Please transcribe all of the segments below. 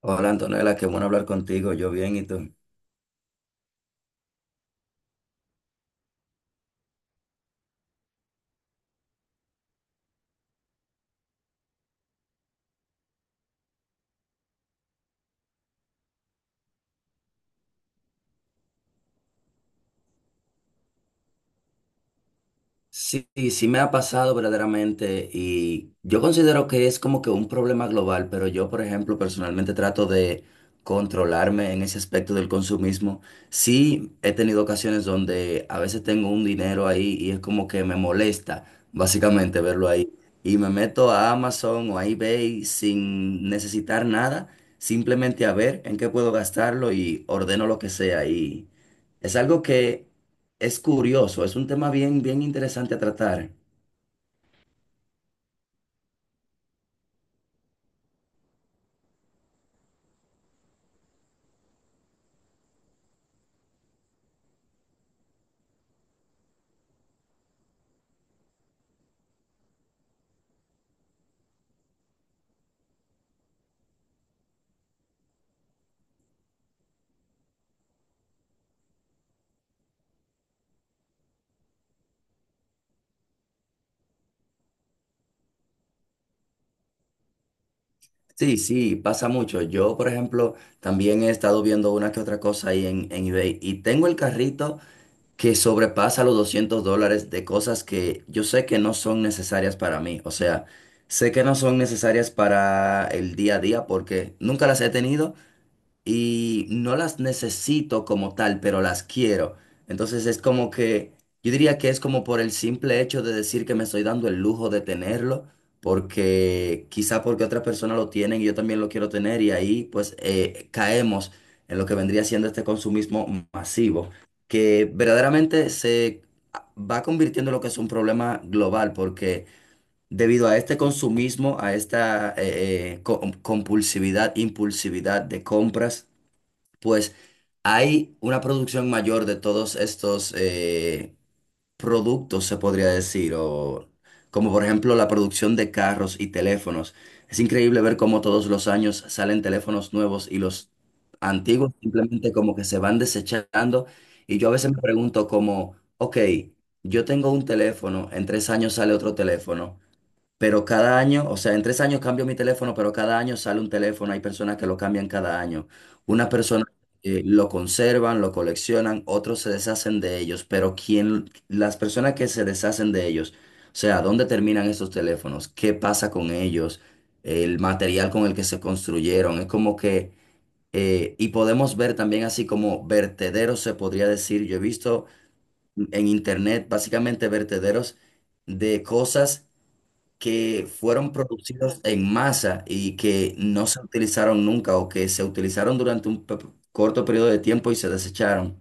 Hola Antonella, qué bueno hablar contigo. Yo bien, ¿y tú? Sí, sí me ha pasado verdaderamente y yo considero que es como que un problema global, pero yo, por ejemplo, personalmente trato de controlarme en ese aspecto del consumismo. Sí he tenido ocasiones donde a veces tengo un dinero ahí y es como que me molesta básicamente verlo ahí y me meto a Amazon o a eBay sin necesitar nada, simplemente a ver en qué puedo gastarlo y ordeno lo que sea y es algo que... Es curioso, es un tema bien, bien interesante a tratar. Sí, sí, pasa mucho. Yo, por ejemplo, también he estado viendo una que otra cosa ahí en eBay y tengo el carrito que sobrepasa los 200 dólares de cosas que yo sé que no son necesarias para mí. O sea, sé que no son necesarias para el día a día porque nunca las he tenido y no las necesito como tal, pero las quiero. Entonces es como que, yo diría que es como por el simple hecho de decir que me estoy dando el lujo de tenerlo, porque quizá porque otras personas lo tienen y yo también lo quiero tener y ahí pues caemos en lo que vendría siendo este consumismo masivo, que verdaderamente se va convirtiendo en lo que es un problema global, porque debido a este consumismo, a esta compulsividad, impulsividad de compras, pues hay una producción mayor de todos estos productos, se podría decir, o como por ejemplo la producción de carros y teléfonos. Es increíble ver cómo todos los años salen teléfonos nuevos y los antiguos simplemente como que se van desechando. Y yo a veces me pregunto como, ok, yo tengo un teléfono, en 3 años sale otro teléfono. Pero cada año, o sea, en 3 años cambio mi teléfono, pero cada año sale un teléfono. Hay personas que lo cambian cada año. Unas personas lo conservan, lo coleccionan, otros se deshacen de ellos. Pero quién, las personas que se deshacen de ellos, o sea, ¿dónde terminan esos teléfonos? ¿Qué pasa con ellos? El material con el que se construyeron. Es como que, y podemos ver también así como vertederos, se podría decir. Yo he visto en internet básicamente vertederos de cosas que fueron producidos en masa y que no se utilizaron nunca o que se utilizaron durante un corto periodo de tiempo y se desecharon.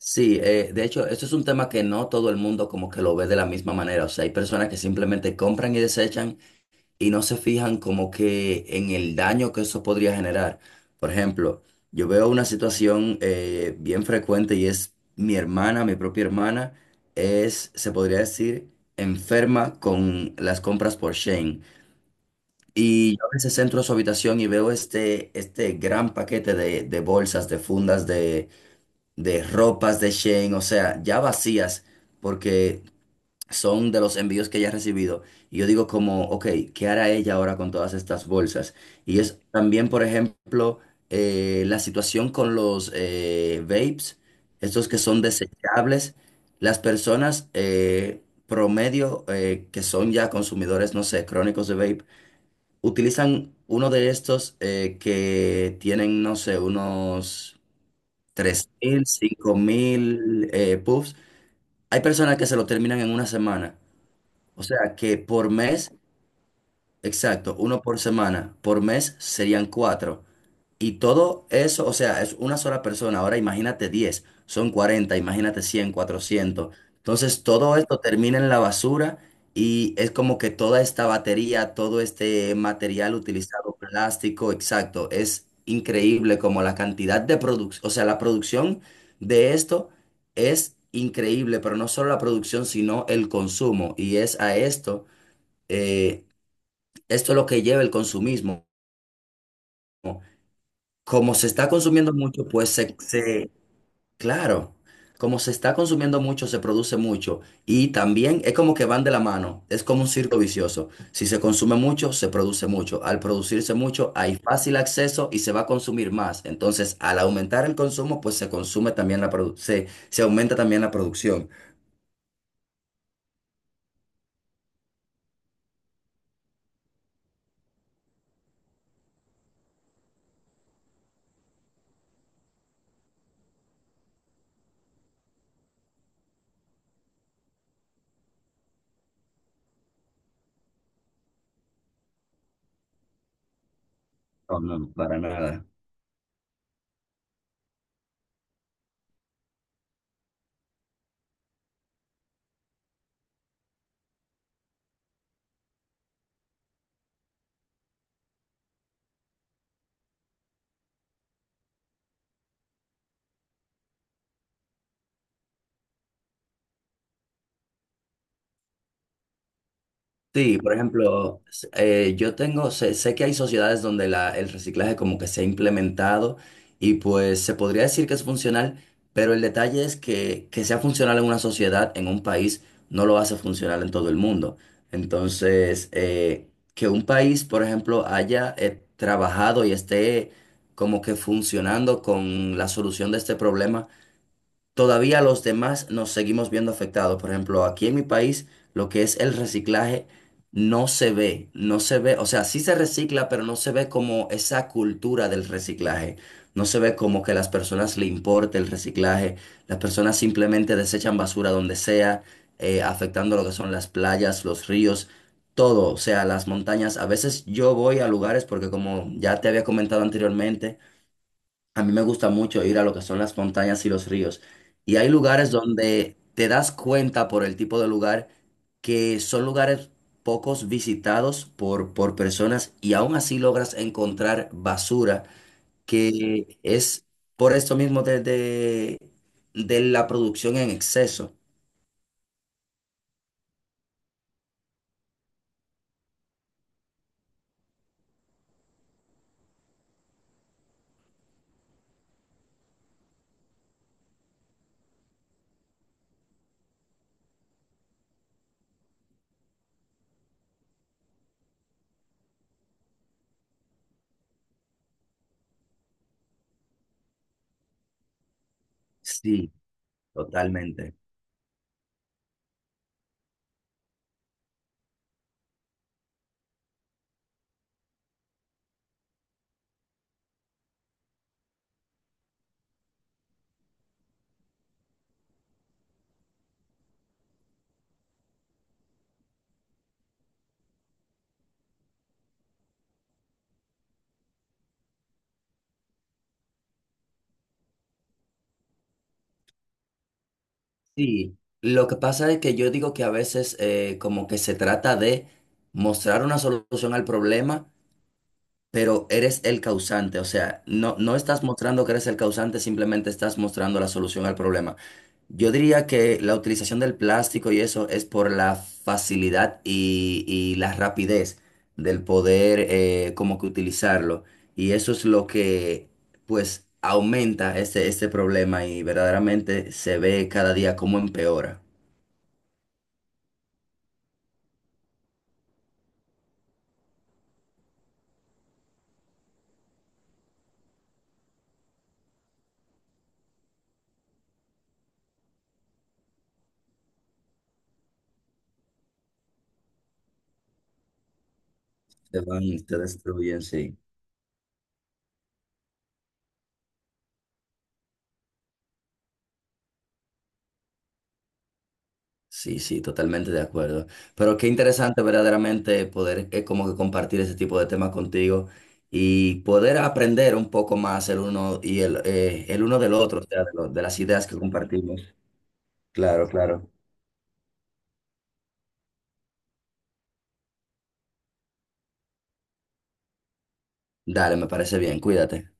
Sí, de hecho, esto es un tema que no todo el mundo como que lo ve de la misma manera. O sea, hay personas que simplemente compran y desechan y no se fijan como que en el daño que eso podría generar. Por ejemplo, yo veo una situación bien frecuente y es mi hermana, mi propia hermana, es, se podría decir, enferma con las compras por Shane. Y yo a veces entro a su habitación y veo este gran paquete de bolsas, de fundas, de ropas de Shane, o sea, ya vacías, porque son de los envíos que ella ha recibido. Y yo digo como, ok, ¿qué hará ella ahora con todas estas bolsas? Y es también, por ejemplo, la situación con los vapes, estos que son desechables. Las personas promedio que son ya consumidores, no sé, crónicos de vape, utilizan uno de estos que tienen, no sé, unos 3.000, 5.000 puffs. Hay personas que se lo terminan en una semana. O sea que por mes, exacto, uno por semana, por mes serían cuatro. Y todo eso, o sea, es una sola persona. Ahora imagínate 10, son 40. Imagínate 100, 400. Entonces todo esto termina en la basura y es como que toda esta batería, todo este material utilizado, plástico, exacto, es increíble como la cantidad de producción, o sea, la producción de esto es increíble, pero no solo la producción, sino el consumo. Y es a esto eh, esto es lo que lleva el consumismo. Como se está consumiendo mucho, pues claro, como se está consumiendo mucho, se produce mucho. Y también es como que van de la mano, es como un círculo vicioso. Si se consume mucho, se produce mucho. Al producirse mucho, hay fácil acceso y se va a consumir más. Entonces, al aumentar el consumo, pues se consume también se aumenta también la producción. No, no, para nada. Sí, por ejemplo, yo tengo, sé que hay sociedades donde la, el reciclaje como que se ha implementado y pues se podría decir que es funcional, pero el detalle es que sea funcional en una sociedad, en un país, no lo hace funcional en todo el mundo. Entonces, que un país, por ejemplo, haya trabajado y esté como que funcionando con la solución de este problema todavía los demás nos seguimos viendo afectados. Por ejemplo, aquí en mi país, lo que es el reciclaje no se ve, no se ve, o sea, sí se recicla, pero no se ve como esa cultura del reciclaje. No se ve como que a las personas le importe el reciclaje. Las personas simplemente desechan basura donde sea, afectando lo que son las playas, los ríos. Todo, o sea, las montañas. A veces yo voy a lugares porque como ya te había comentado anteriormente, a mí me gusta mucho ir a lo que son las montañas y los ríos. Y hay lugares donde te das cuenta por el tipo de lugar que son lugares pocos visitados por personas y aún así logras encontrar basura, que es por esto mismo de la producción en exceso. Sí, totalmente. Sí, lo que pasa es que yo digo que a veces como que se trata de mostrar una solución al problema pero eres el causante, o sea, no, no estás mostrando que eres el causante, simplemente estás mostrando la solución al problema. Yo diría que la utilización del plástico y eso es por la facilidad y la rapidez del poder como que utilizarlo. Y eso es lo que pues aumenta este, este problema y verdaderamente se ve cada día cómo empeora. Se van, se destruyen, sí. Sí, sí, totalmente de acuerdo. Pero qué interesante verdaderamente poder como que compartir ese tipo de temas contigo y poder aprender un poco más el uno y el uno del otro, o sea, de las ideas que compartimos. Claro, claro. Dale, me parece bien, cuídate.